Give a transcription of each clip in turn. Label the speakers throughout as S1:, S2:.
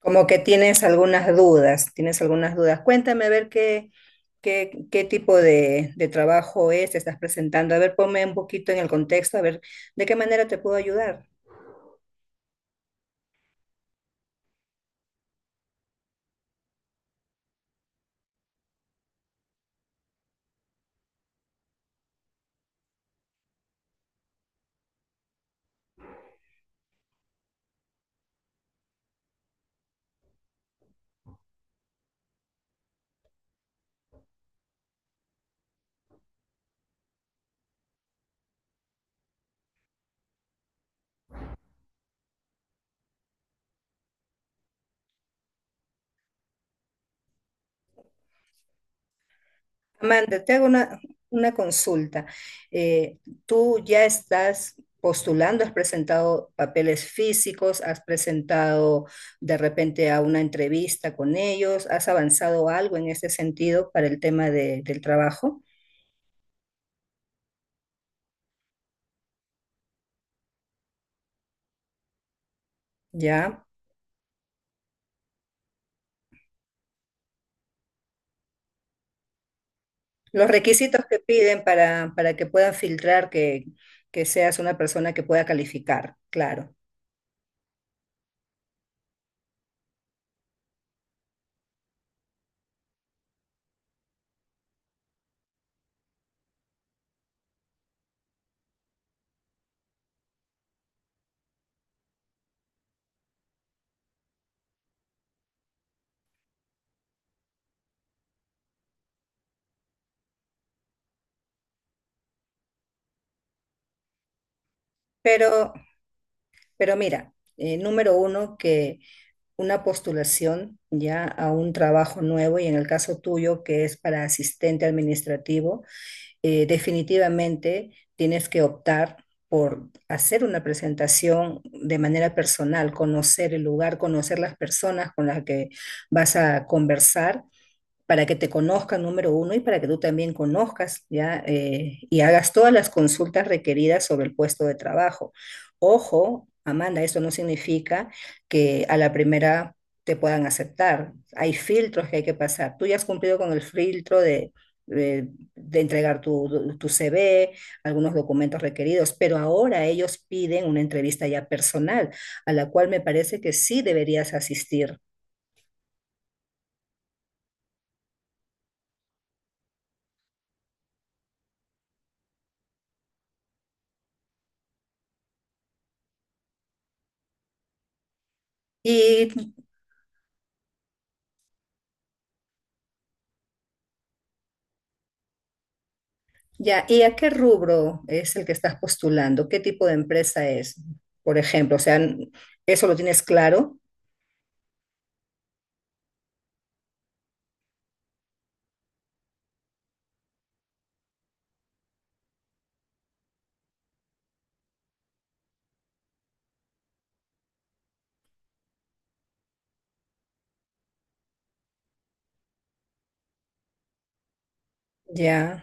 S1: Como que tienes algunas dudas, tienes algunas dudas. Cuéntame a ver qué tipo de trabajo es, te estás presentando. A ver, ponme un poquito en el contexto, a ver de qué manera te puedo ayudar. Amanda, te hago una consulta. Eh, ¿Tú ya estás postulando? ¿Has presentado papeles físicos? ¿Has presentado de repente a una entrevista con ellos? ¿Has avanzado algo en ese sentido para el tema del trabajo? ¿Ya? Los requisitos que piden para que puedan filtrar que seas una persona que pueda calificar, claro. Pero, pero mira, número uno, que una postulación ya a un trabajo nuevo y en el caso tuyo, que es para asistente administrativo, definitivamente tienes que optar por hacer una presentación de manera personal, conocer el lugar, conocer las personas con las que vas a conversar para que te conozcan, número uno, y para que tú también conozcas, ¿ya? Y hagas todas las consultas requeridas sobre el puesto de trabajo. Ojo, Amanda, eso no significa que a la primera te puedan aceptar. Hay filtros que hay que pasar. Tú ya has cumplido con el filtro de, de entregar tu CV, algunos documentos requeridos, pero ahora ellos piden una entrevista ya personal, a la cual me parece que sí deberías asistir. Y Ya, ¿y a qué rubro es el que estás postulando? ¿Qué tipo de empresa es, por ejemplo? O sea, ¿eso lo tienes claro? Ya.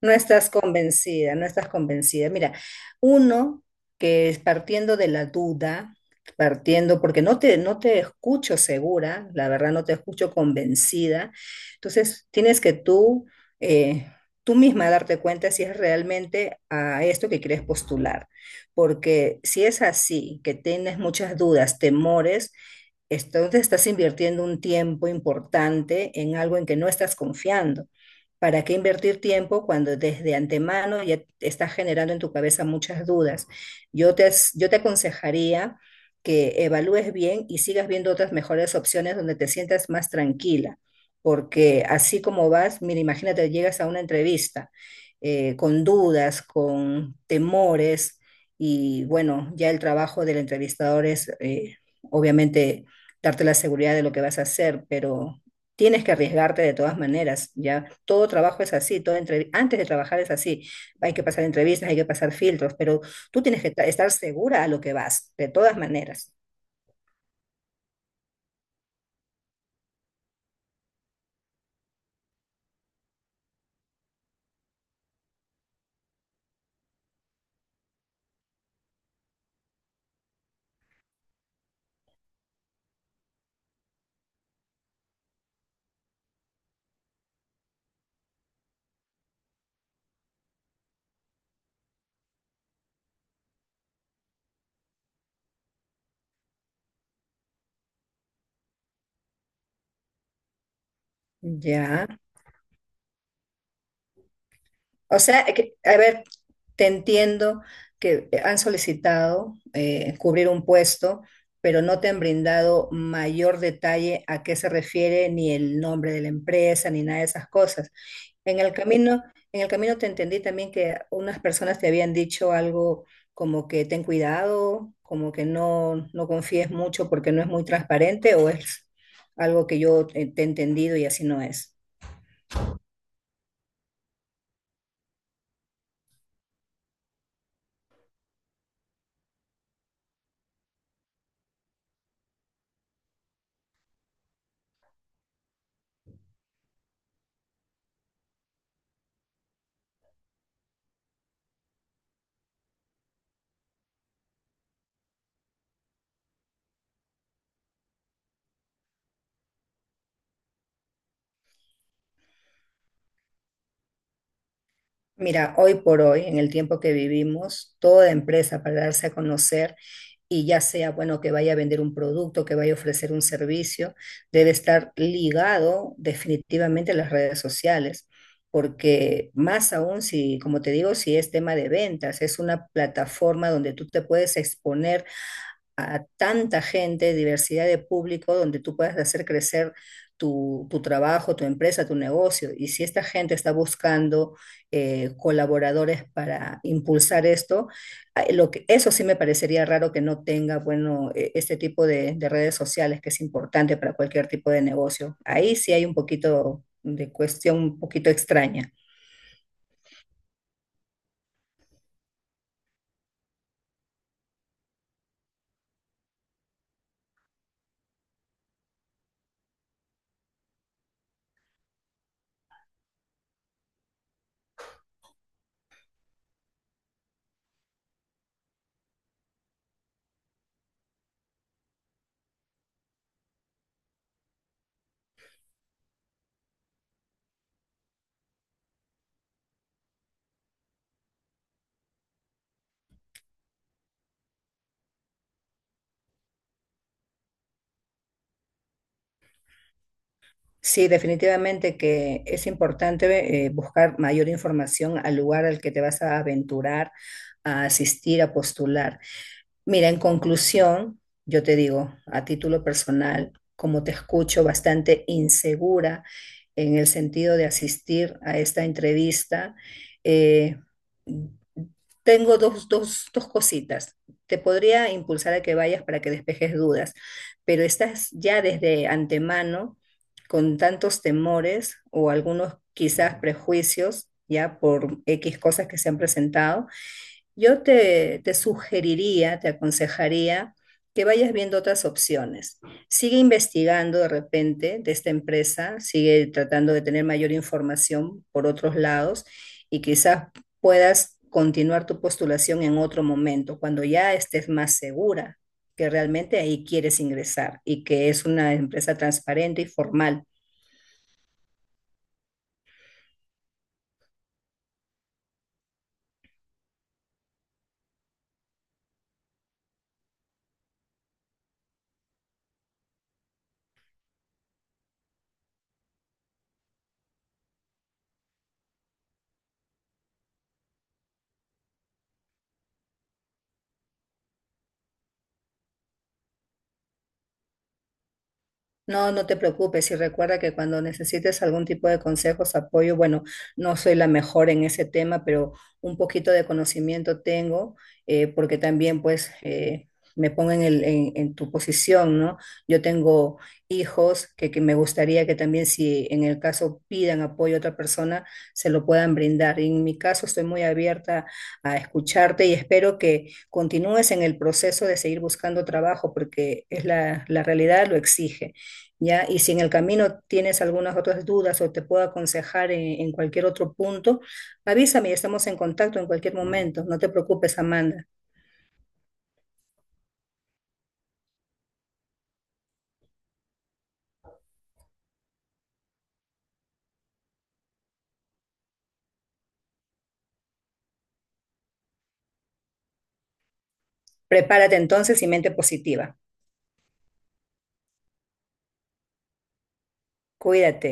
S1: No estás convencida, no estás convencida. Mira, uno que es partiendo de la duda, partiendo, porque no te escucho segura, la verdad no te escucho convencida, entonces tienes que tú, eh, tú misma darte cuenta si es realmente a esto que quieres postular, porque si es así, que tienes muchas dudas, temores, entonces estás invirtiendo un tiempo importante en algo en que no estás confiando. ¿Para qué invertir tiempo cuando desde antemano ya estás generando en tu cabeza muchas dudas? Yo te aconsejaría que evalúes bien y sigas viendo otras mejores opciones donde te sientas más tranquila, porque así como vas, mira, imagínate, llegas a una entrevista con dudas, con temores y bueno, ya el trabajo del entrevistador es obviamente darte la seguridad de lo que vas a hacer, pero tienes que arriesgarte de todas maneras, ya. Todo trabajo es así, todo antes de trabajar es así. Hay que pasar entrevistas, hay que pasar filtros, pero tú tienes que estar segura a lo que vas, de todas maneras. Ya. O sea, a ver, te entiendo que han solicitado cubrir un puesto, pero no te han brindado mayor detalle a qué se refiere, ni el nombre de la empresa, ni nada de esas cosas. En el camino, en el camino te entendí también que unas personas te habían dicho algo como que ten cuidado, como que no, no confíes mucho porque no es muy transparente, o es algo que yo te he entendido y así no es. Mira, hoy por hoy, en el tiempo que vivimos, toda empresa para darse a conocer y ya sea, bueno, que vaya a vender un producto, que vaya a ofrecer un servicio, debe estar ligado definitivamente a las redes sociales, porque más aún si, como te digo, si es tema de ventas, es una plataforma donde tú te puedes exponer a tanta gente, diversidad de público, donde tú puedas hacer crecer tu trabajo, tu empresa, tu negocio. Y si esta gente está buscando colaboradores para impulsar esto, ah, lo que, eso sí me parecería raro que no tenga, bueno, este tipo de redes sociales que es importante para cualquier tipo de negocio. Ahí sí hay un poquito de cuestión un poquito extraña. Sí, definitivamente que es importante buscar mayor información al lugar al que te vas a aventurar, a asistir, a postular. Mira, en conclusión, yo te digo, a título personal, como te escucho bastante insegura en el sentido de asistir a esta entrevista, eh, tengo dos cositas. Te podría impulsar a que vayas para que despejes dudas, pero estás ya desde antemano con tantos temores o algunos quizás prejuicios ya por X cosas que se han presentado. Yo te sugeriría, te aconsejaría que vayas viendo otras opciones. Sigue investigando de repente de esta empresa, sigue tratando de tener mayor información por otros lados y quizás puedas continuar tu postulación en otro momento, cuando ya estés más segura que realmente ahí quieres ingresar y que es una empresa transparente y formal. No, no te preocupes y recuerda que cuando necesites algún tipo de consejos, apoyo, bueno, no soy la mejor en ese tema, pero un poquito de conocimiento tengo, porque también pues me pongo en tu posición, ¿no? Yo tengo hijos que me gustaría que también si en el caso pidan apoyo a otra persona, se lo puedan brindar. Y en mi caso estoy muy abierta a escucharte y espero que continúes en el proceso de seguir buscando trabajo, porque es la realidad lo exige. ¿Ya? Y si en el camino tienes algunas otras dudas o te puedo aconsejar en cualquier otro punto, avísame y estamos en contacto en cualquier momento. No te preocupes, Amanda. Prepárate entonces y mente positiva. Cuídate.